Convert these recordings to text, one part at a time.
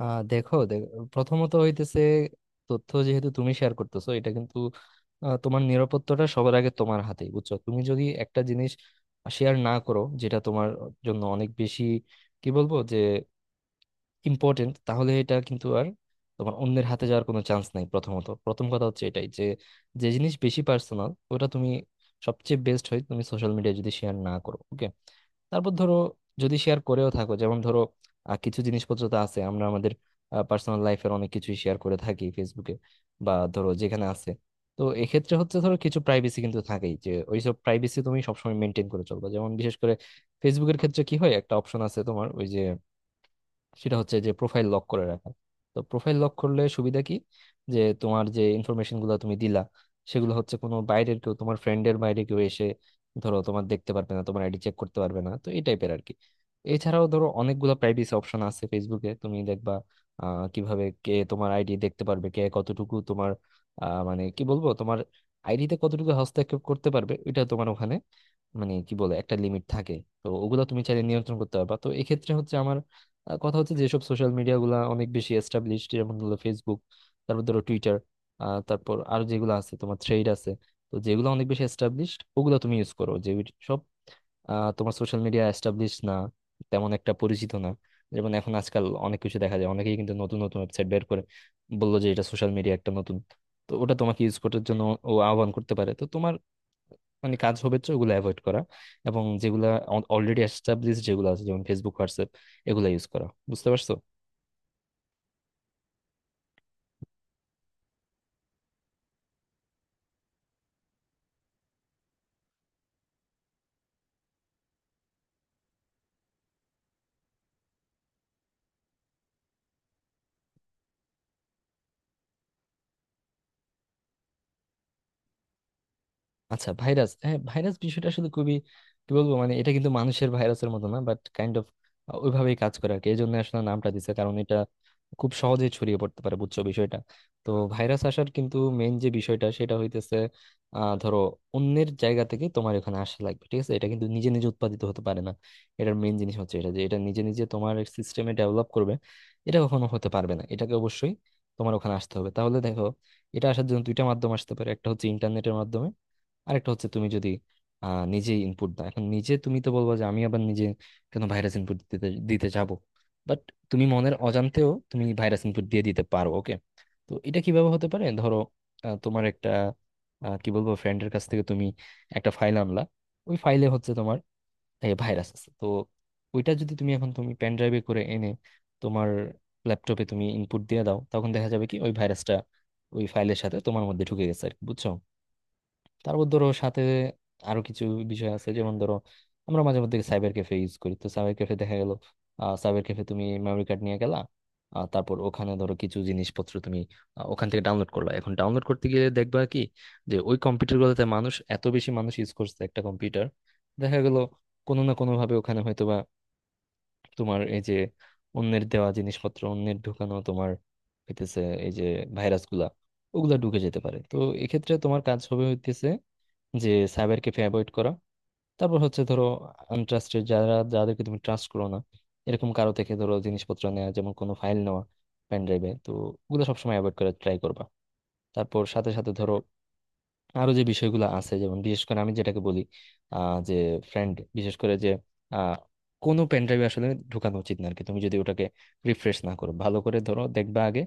দেখো প্রথমত হইতেছে তথ্য যেহেতু তুমি শেয়ার করতেছো, এটা কিন্তু তোমার নিরাপত্তাটা সবার আগে তোমার হাতেই, বুঝছো? তুমি যদি একটা জিনিস শেয়ার না করো যেটা তোমার জন্য অনেক বেশি কি বলবো যে ইম্পর্টেন্ট, তাহলে এটা কিন্তু আর তোমার অন্যের হাতে যাওয়ার কোনো চান্স নাই। প্রথমত, প্রথম কথা হচ্ছে এটাই যে যে জিনিস বেশি পার্সোনাল ওটা তুমি সবচেয়ে বেস্ট হয় তুমি সোশ্যাল মিডিয়ায় যদি শেয়ার না করো। ওকে, তারপর ধরো যদি শেয়ার করেও থাকো, যেমন ধরো কিছু জিনিসপত্র তো আছে, আমরা আমাদের পার্সোনাল লাইফের অনেক কিছুই শেয়ার করে থাকি ফেসবুকে বা ধরো যেখানে আছে। তো এক্ষেত্রে হচ্ছে ধরো কিছু প্রাইভেসি কিন্তু থাকেই, যে ওইসব প্রাইভেসি তুমি সবসময় মেনটেন করে চলবে। যেমন বিশেষ করে ফেসবুকের ক্ষেত্রে কি হয়, একটা অপশন আছে তোমার, ওই যে সেটা হচ্ছে যে প্রোফাইল লক করে রাখা। তো প্রোফাইল লক করলে সুবিধা কি, যে তোমার যে ইনফরমেশন গুলো তুমি দিলা সেগুলো হচ্ছে কোনো বাইরের কেউ, তোমার ফ্রেন্ডের বাইরে কেউ এসে ধরো তোমার দেখতে পারবে না, তোমার আইডি চেক করতে পারবে না। তো এই টাইপের আর কি। এছাড়াও ধরো অনেকগুলো প্রাইভেসি অপশন আছে ফেসবুকে, তুমি দেখবা কিভাবে কে তোমার আইডি দেখতে পারবে, কে কতটুকু তোমার মানে কি বলবো তোমার আইডিতে কতটুকু হস্তক্ষেপ করতে পারবে, এটা তোমার ওখানে মানে কি বলে একটা লিমিট থাকে। তো ওগুলো তুমি চাইলে নিয়ন্ত্রণ করতে পারবা। তো এক্ষেত্রে হচ্ছে আমার কথা হচ্ছে যেসব সোশ্যাল মিডিয়া গুলা অনেক বেশি এস্টাবলিশড, যেমন হলো ফেসবুক, তারপর ধরো টুইটার, তারপর আরো যেগুলো আছে তোমার, থ্রেড আছে। তো যেগুলো অনেক বেশি এস্টাবলিশড ওগুলো তুমি ইউজ করো, যে সব তোমার সোশ্যাল মিডিয়া এস্টাবলিশ না, তেমন একটা পরিচিত না, যেমন এখন আজকাল অনেক কিছু দেখা যায়, অনেকেই কিন্তু নতুন নতুন ওয়েবসাইট বের করে বললো যে এটা সোশ্যাল মিডিয়া একটা নতুন, তো ওটা তোমাকে ইউজ করার জন্য ও আহ্বান করতে পারে। তো তোমার মানে কাজ হবে হচ্ছে ওগুলো অ্যাভয়েড করা, এবং যেগুলা অলরেডি এস্টাবলিশ যেগুলো আছে, যেমন ফেসবুক, হোয়াটসঅ্যাপ, এগুলো ইউজ করা। বুঝতে পারছো? আচ্ছা, ভাইরাস, হ্যাঁ ভাইরাস বিষয়টা আসলে খুবই কি বলবো, মানে এটা কিন্তু মানুষের ভাইরাসের মতো না, বাট কাইন্ড অফ ওইভাবেই কাজ করে আর কি। এই জন্য আসলে নামটা দিছে, কারণ এটা খুব সহজে ছড়িয়ে পড়তে পারে। বুঝছো বিষয়টা? তো ভাইরাস আসার কিন্তু মেইন যে বিষয়টা, সেটা হইতেছে ধরো অন্যের জায়গা থেকে তোমার এখানে আসা লাগবে, ঠিক আছে? এটা কিন্তু নিজে নিজে উৎপাদিত হতে পারে না। এটার মেইন জিনিস হচ্ছে এটা যে এটা নিজে নিজে তোমার সিস্টেমে ডেভেলপ করবে এটা কখনো হতে পারবে না, এটাকে অবশ্যই তোমার ওখানে আসতে হবে। তাহলে দেখো এটা আসার জন্য দুইটা মাধ্যম আসতে পারে, একটা হচ্ছে ইন্টারনেটের মাধ্যমে, আরেকটা হচ্ছে তুমি যদি আহ, নিজে ইনপুট দাও। এখন নিজে তুমি তো বলবা যে আমি আবার নিজে কেন ভাইরাস ইনপুট দিতে দিতে যাব, বাট তুমি মনের অজান্তেও তুমি ভাইরাস ইনপুট দিয়ে দিতে পারো। ওকে, তো এটা কিভাবে হতে পারে? ধরো তোমার একটা কি বলবো ফ্রেন্ডের কাছ থেকে তুমি একটা ফাইল আনলা, ওই ফাইলে হচ্ছে তোমার ভাইরাস আছে। তো ওইটা যদি তুমি এখন তুমি পেন ড্রাইভে করে এনে তোমার ল্যাপটপে তুমি ইনপুট দিয়ে দাও, তখন দেখা যাবে কি ওই ভাইরাসটা ওই ফাইলের সাথে তোমার মধ্যে ঢুকে গেছে আর কি, বুঝছো? তারপর ধরো সাথে আরো কিছু বিষয় আছে, যেমন ধরো আমরা মাঝে মধ্যে সাইবার ক্যাফে ইউজ করি। তো সাইবার ক্যাফে দেখা গেল সাইবার ক্যাফে তুমি মেমরি কার্ড নিয়ে গেলা, তারপর ওখানে ধরো কিছু জিনিসপত্র তুমি ওখান থেকে ডাউনলোড করলা। এখন ডাউনলোড করতে গিয়ে দেখবা কি যে ওই কম্পিউটার গুলোতে মানুষ এত বেশি, মানুষ ইউজ করছে একটা কম্পিউটার, দেখা গেল কোনো না কোনো ভাবে ওখানে হয়তোবা তোমার এই যে অন্যের দেওয়া জিনিসপত্র, অন্যের ঢুকানো তোমার হইতেছে এই যে ভাইরাস গুলা ওগুলা ঢুকে যেতে পারে। তো এক্ষেত্রে তোমার কাজ হবে হইতেছে যে সাইবারকে অ্যাভয়েড করা। তারপর হচ্ছে ধরো আনট্রাস্টেড যারা, যাদেরকে তুমি ট্রাস্ট করো না, এরকম কারো থেকে ধরো জিনিসপত্র নেওয়া, যেমন কোনো ফাইল নেওয়া পেন ড্রাইভে, তো ওগুলো সবসময় অ্যাভয়েড করার ট্রাই করবা। তারপর সাথে সাথে ধরো আরো যে বিষয়গুলো আছে, যেমন বিশেষ করে আমি যেটাকে বলি, যে ফ্রেন্ড বিশেষ করে যে আহ, কোনো পেন ড্রাইভে আসলে ঢুকানো উচিত না আর কি, তুমি যদি ওটাকে রিফ্রেশ না করো ভালো করে। ধরো দেখবা আগে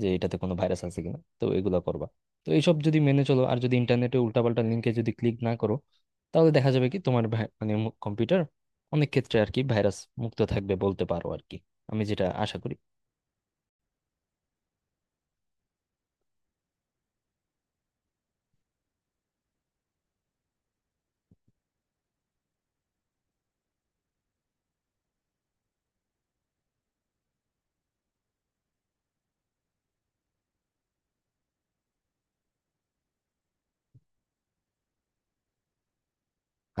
যে এটাতে কোনো ভাইরাস আছে কিনা, তো এগুলো করবা। তো এইসব যদি মেনে চলো, আর যদি ইন্টারনেটে উল্টাপাল্টা লিঙ্কে যদি ক্লিক না করো, তাহলে দেখা যাবে কি তোমার মানে কম্পিউটার অনেক ক্ষেত্রে আর কি ভাইরাস মুক্ত থাকবে বলতে পারো আর কি, আমি যেটা আশা করি।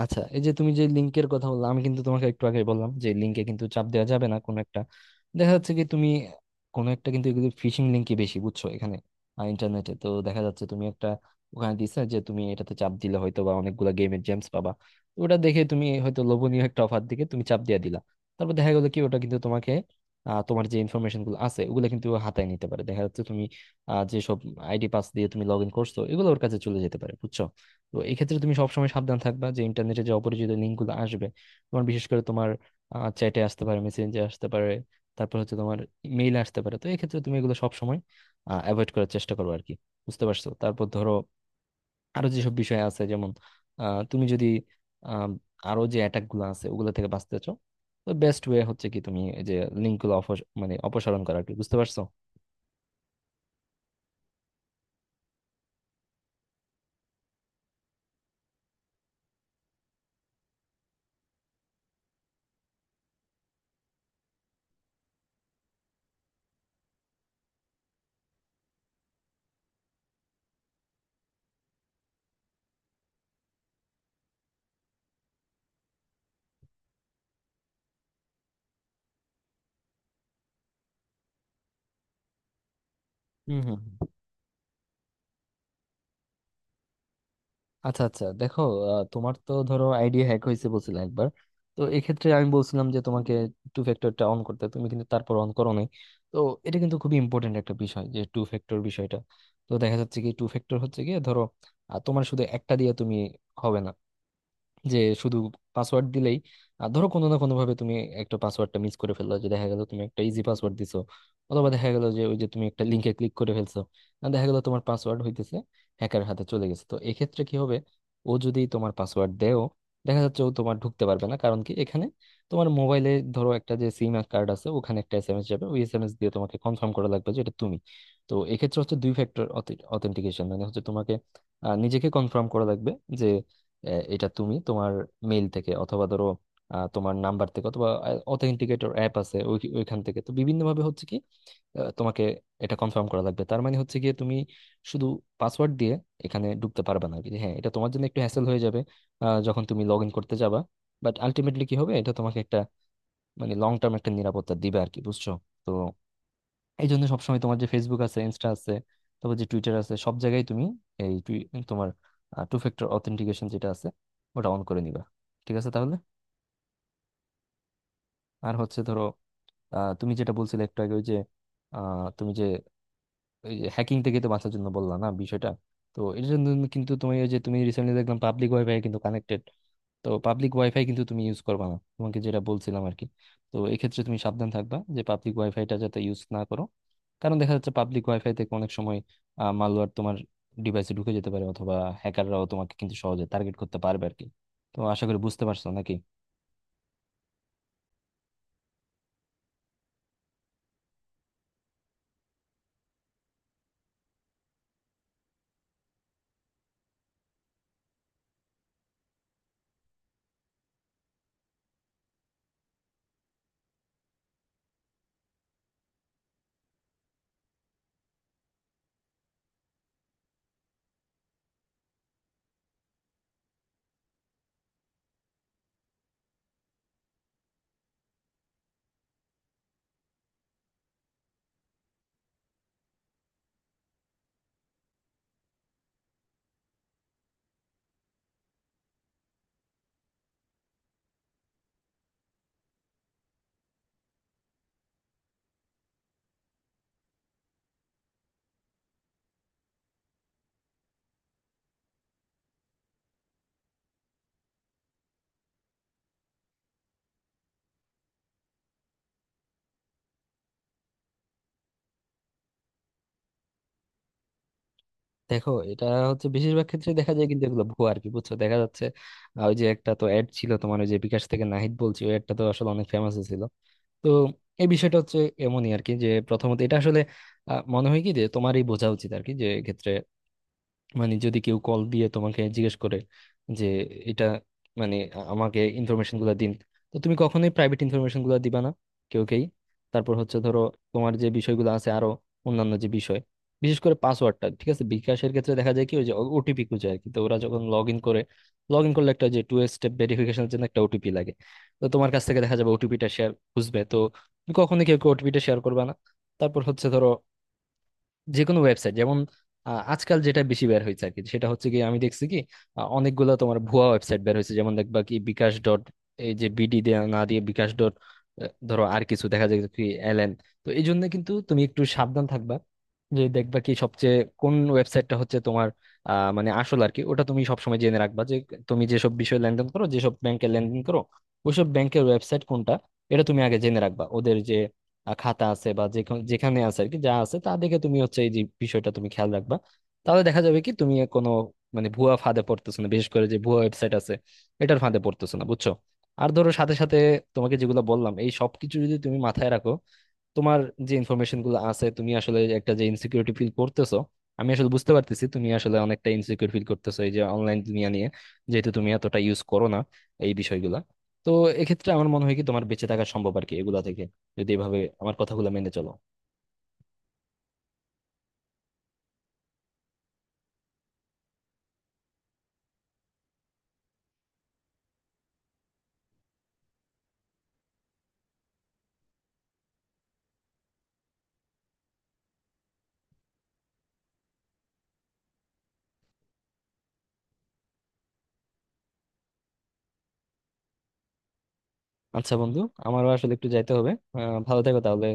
আচ্ছা, এই যে তুমি যে লিঙ্কের কথা বললাম, আমি কিন্তু তোমাকে একটু আগে বললাম যে লিঙ্কে কিন্তু চাপ দেওয়া যাবে না। কোনো একটা দেখা যাচ্ছে কি তুমি কোনো একটা, কিন্তু এগুলো ফিশিং লিঙ্কই বেশি বুঝছো এখানে ইন্টারনেটে। তো দেখা যাচ্ছে তুমি একটা ওখানে দিছে যে তুমি এটাতে চাপ দিলে হয়তো বা অনেকগুলা গেমের জেমস পাবা, তো ওটা দেখে তুমি হয়তো লোভনীয় একটা অফার দিকে তুমি চাপ দিয়ে দিলা। তারপর দেখা গেলো কি ওটা কিন্তু তোমাকে তোমার যে ইনফরমেশন গুলো আছে ওগুলো কিন্তু ও হাতায় নিতে পারে। দেখা যাচ্ছে তুমি যেসব আইডি পাস দিয়ে তুমি লগ ইন করছো এগুলো ওর কাছে চলে যেতে পারে, বুঝছো? তো এই ক্ষেত্রে তুমি সবসময় সাবধান থাকবা যে ইন্টারনেটে যে অপরিচিত লিঙ্কগুলো আসবে, তোমার বিশেষ করে তোমার চ্যাটে আসতে পারে, মেসেঞ্জে আসতে পারে, তারপর হচ্ছে তোমার মেইল আসতে পারে, তো এই ক্ষেত্রে তুমি এগুলো সবসময় অ্যাভয়েড করার চেষ্টা করবো আর কি। বুঝতে পারছো? তারপর ধরো আরো যেসব বিষয় আছে, যেমন তুমি যদি আহ, আরো যে অ্যাটাক গুলো আছে ওগুলো থেকে বাঁচতে চাও, তো বেস্ট ওয়ে হচ্ছে কি তুমি এই যে লিঙ্ক গুলো মানে অপসারণ করা আর কি। বুঝতে পারছো? হুম হুম। আচ্ছা আচ্ছা, দেখো তোমার তো ধরো আইডি হ্যাক হয়েছে বলছিলে একবার, তো এক্ষেত্রে আমি বলছিলাম যে তোমাকে টু ফ্যাক্টরটা অন করতে, তুমি কিন্তু তারপর অন করো নাই। তো এটা কিন্তু খুবই ইম্পর্টেন্ট একটা বিষয়, যে টু ফ্যাক্টর বিষয়টা। তো দেখা যাচ্ছে কি টু ফ্যাক্টর হচ্ছে গিয়ে ধরো তোমার শুধু একটা দিয়ে তুমি হবে না, যে শুধু পাসওয়ার্ড দিলেই। আর ধরো কোনো না কোনো ভাবে তুমি একটা পাসওয়ার্ডটা মিস করে ফেললো, যে দেখা গেল তুমি একটা ইজি পাসওয়ার্ড দিছো, অথবা দেখা গেল যে ওই যে তুমি একটা লিংকে ক্লিক করে ফেলছো, আর দেখা গেল তোমার পাসওয়ার্ড হইতেছে হ্যাকার হাতে চলে গেছে, তো এক্ষেত্রে কি হবে? ও যদি তোমার পাসওয়ার্ড দেও, দেখা যাচ্ছে ও তোমার ঢুকতে পারবে না। কারণ কি, এখানে তোমার মোবাইলে ধরো একটা যে সিম কার্ড আছে ওখানে একটা এসএমএস যাবে, ওই এসএমএস দিয়ে তোমাকে কনফার্ম করা লাগবে যে এটা তুমি। তো এক্ষেত্রে হচ্ছে দুই ফ্যাক্টর অথেন্টিকেশন মানে হচ্ছে তোমাকে নিজেকে কনফার্ম করা লাগবে যে এটা তুমি। তোমার মেইল থেকে অথবা ধরো তোমার নাম্বার থেকে অথবা অথেন্টিকেটর অ্যাপ আছে ওইখান থেকে, তো বিভিন্ন ভাবে হচ্ছে কি তোমাকে এটা কনফার্ম করা লাগবে। তার মানে হচ্ছে গিয়ে তুমি শুধু পাসওয়ার্ড দিয়ে এখানে ঢুকতে পারবে না আর কি। হ্যাঁ, এটা তোমার জন্য একটু হ্যাসেল হয়ে যাবে যখন তুমি লগ ইন করতে যাবা, বাট আলটিমেটলি কি হবে, এটা তোমাকে একটা মানে লং টার্ম একটা নিরাপত্তা দিবে আর কি, বুঝছো? তো এই জন্য সবসময় তোমার যে ফেসবুক আছে, ইনস্টা আছে, তারপর যে টুইটার আছে, সব জায়গায় তুমি এই তোমার টু ফ্যাক্টর অথেন্টিকেশন যেটা আছে ওটা অন করে নিবা, ঠিক আছে? তাহলে আর হচ্ছে ধরো তুমি যেটা বলছিলে একটু আগে ওই যে তুমি যে হ্যাকিং থেকে তো বাঁচার জন্য বললা না বিষয়টা, তো এর জন্য কিন্তু তুমি ওই যে তুমি রিসেন্টলি দেখলাম পাবলিক ওয়াইফাই কিন্তু কানেক্টেড। তো পাবলিক ওয়াইফাই কিন্তু তুমি ইউজ করবা না, তোমাকে যেটা বলছিলাম আর কি। তো এক্ষেত্রে তুমি সাবধান থাকবা যে পাবলিক ওয়াইফাইটা যাতে ইউজ না করো, কারণ দেখা যাচ্ছে পাবলিক ওয়াইফাই থেকে অনেক সময় মালওয়্যার তোমার ডিভাইসে ঢুকে যেতে পারে, অথবা হ্যাকাররাও তোমাকে কিন্তু সহজে টার্গেট করতে পারবে আর কি। তো আশা করি বুঝতে পারছো নাকি? দেখো এটা হচ্ছে বেশিরভাগ ক্ষেত্রে দেখা যায় কিন্তু এগুলো ভুয়া আর কি, বুঝছো? দেখা যাচ্ছে ওই যে একটা তো অ্যাড ছিল তোমার, ওই যে বিকাশ থেকে নাহিদ বলছি, ওই অ্যাডটা তো আসলে অনেক ফেমাস ছিল। তো এই বিষয়টা হচ্ছে এমনই আর কি। যে প্রথমত এটা আসলে মনে হয় কি যে তোমারই বোঝা উচিত আর কি, যে ক্ষেত্রে মানে যদি কেউ কল দিয়ে তোমাকে জিজ্ঞেস করে যে এটা মানে আমাকে ইনফরমেশন গুলো দিন, তো তুমি কখনোই প্রাইভেট ইনফরমেশন গুলো দিবা না কেউকেই। তারপর হচ্ছে ধরো তোমার যে বিষয়গুলো আছে আরো অন্যান্য যে বিষয়, বিশেষ করে পাসওয়ার্ডটা ঠিক আছে, বিকাশের ক্ষেত্রে দেখা যায় কি ওই যে ওটিপি খুঁজে আর কি। তো ওরা যখন লগ ইন করে, লগ ইন করলে একটা যে টু স্টেপ ভেরিফিকেশনের জন্য একটা ওটিপি লাগে, তো তোমার কাছ থেকে দেখা যাবে ওটিপিটা শেয়ার খুঁজবে। তো তুমি কখনোই কেউ ওটিপিটা শেয়ার করবে না। তারপর হচ্ছে ধরো যে কোনো ওয়েবসাইট, যেমন আজকাল যেটা বেশি বের হয়েছে আর কি, সেটা হচ্ছে কি আমি দেখছি কি অনেকগুলো তোমার ভুয়া ওয়েবসাইট বের হয়েছে। যেমন দেখবা কি বিকাশ ডট এই যে বিডি দিয়ে না দিয়ে বিকাশ ডট ধরো আর কিছু দেখা যায় কি এলএন। তো এই জন্য কিন্তু তুমি একটু সাবধান থাকবা, যে দেখবা কি সবচেয়ে কোন ওয়েবসাইটটা হচ্ছে তোমার মানে আসল আর কি, ওটা তুমি সবসময় জেনে রাখবা। যে তুমি যেসব বিষয়ে লেনদেন করো, যেসব ব্যাংকে লেনদেন করো, ওইসব ব্যাংকের ওয়েবসাইট কোনটা এটা তুমি আগে জেনে রাখবা। ওদের যে খাতা আছে বা যে যেখানে আছে আর কি, যা আছে তা দেখে তুমি হচ্ছে এই যে বিষয়টা তুমি খেয়াল রাখবা। তাহলে দেখা যাবে কি তুমি কোনো মানে ভুয়া ফাঁদে পড়তেছো না, বিশেষ করে যে ভুয়া ওয়েবসাইট আছে এটার ফাঁদে পড়তেছো না, বুঝছো? আর ধরো সাথে সাথে তোমাকে যেগুলো বললাম এই সবকিছু যদি তুমি মাথায় রাখো, তোমার যে ইনফরমেশন গুলো আছে, তুমি আসলে একটা যে ইনসিকিউরিটি ফিল করতেছো, আমি আসলে বুঝতে পারতেছি তুমি আসলে অনেকটা ইনসিকিউর ফিল করতেছো এই যে অনলাইন দুনিয়া নিয়ে, যেহেতু তুমি এতটা ইউজ করো না এই বিষয়গুলা। তো এক্ষেত্রে আমার মনে হয় কি তোমার বেঁচে থাকা সম্ভব আর কি এগুলা থেকে, যদি এভাবে আমার কথাগুলো মেনে চলো। আচ্ছা বন্ধু, আমারও আসলে একটু যাইতে হবে। ভালো থেকো তাহলে।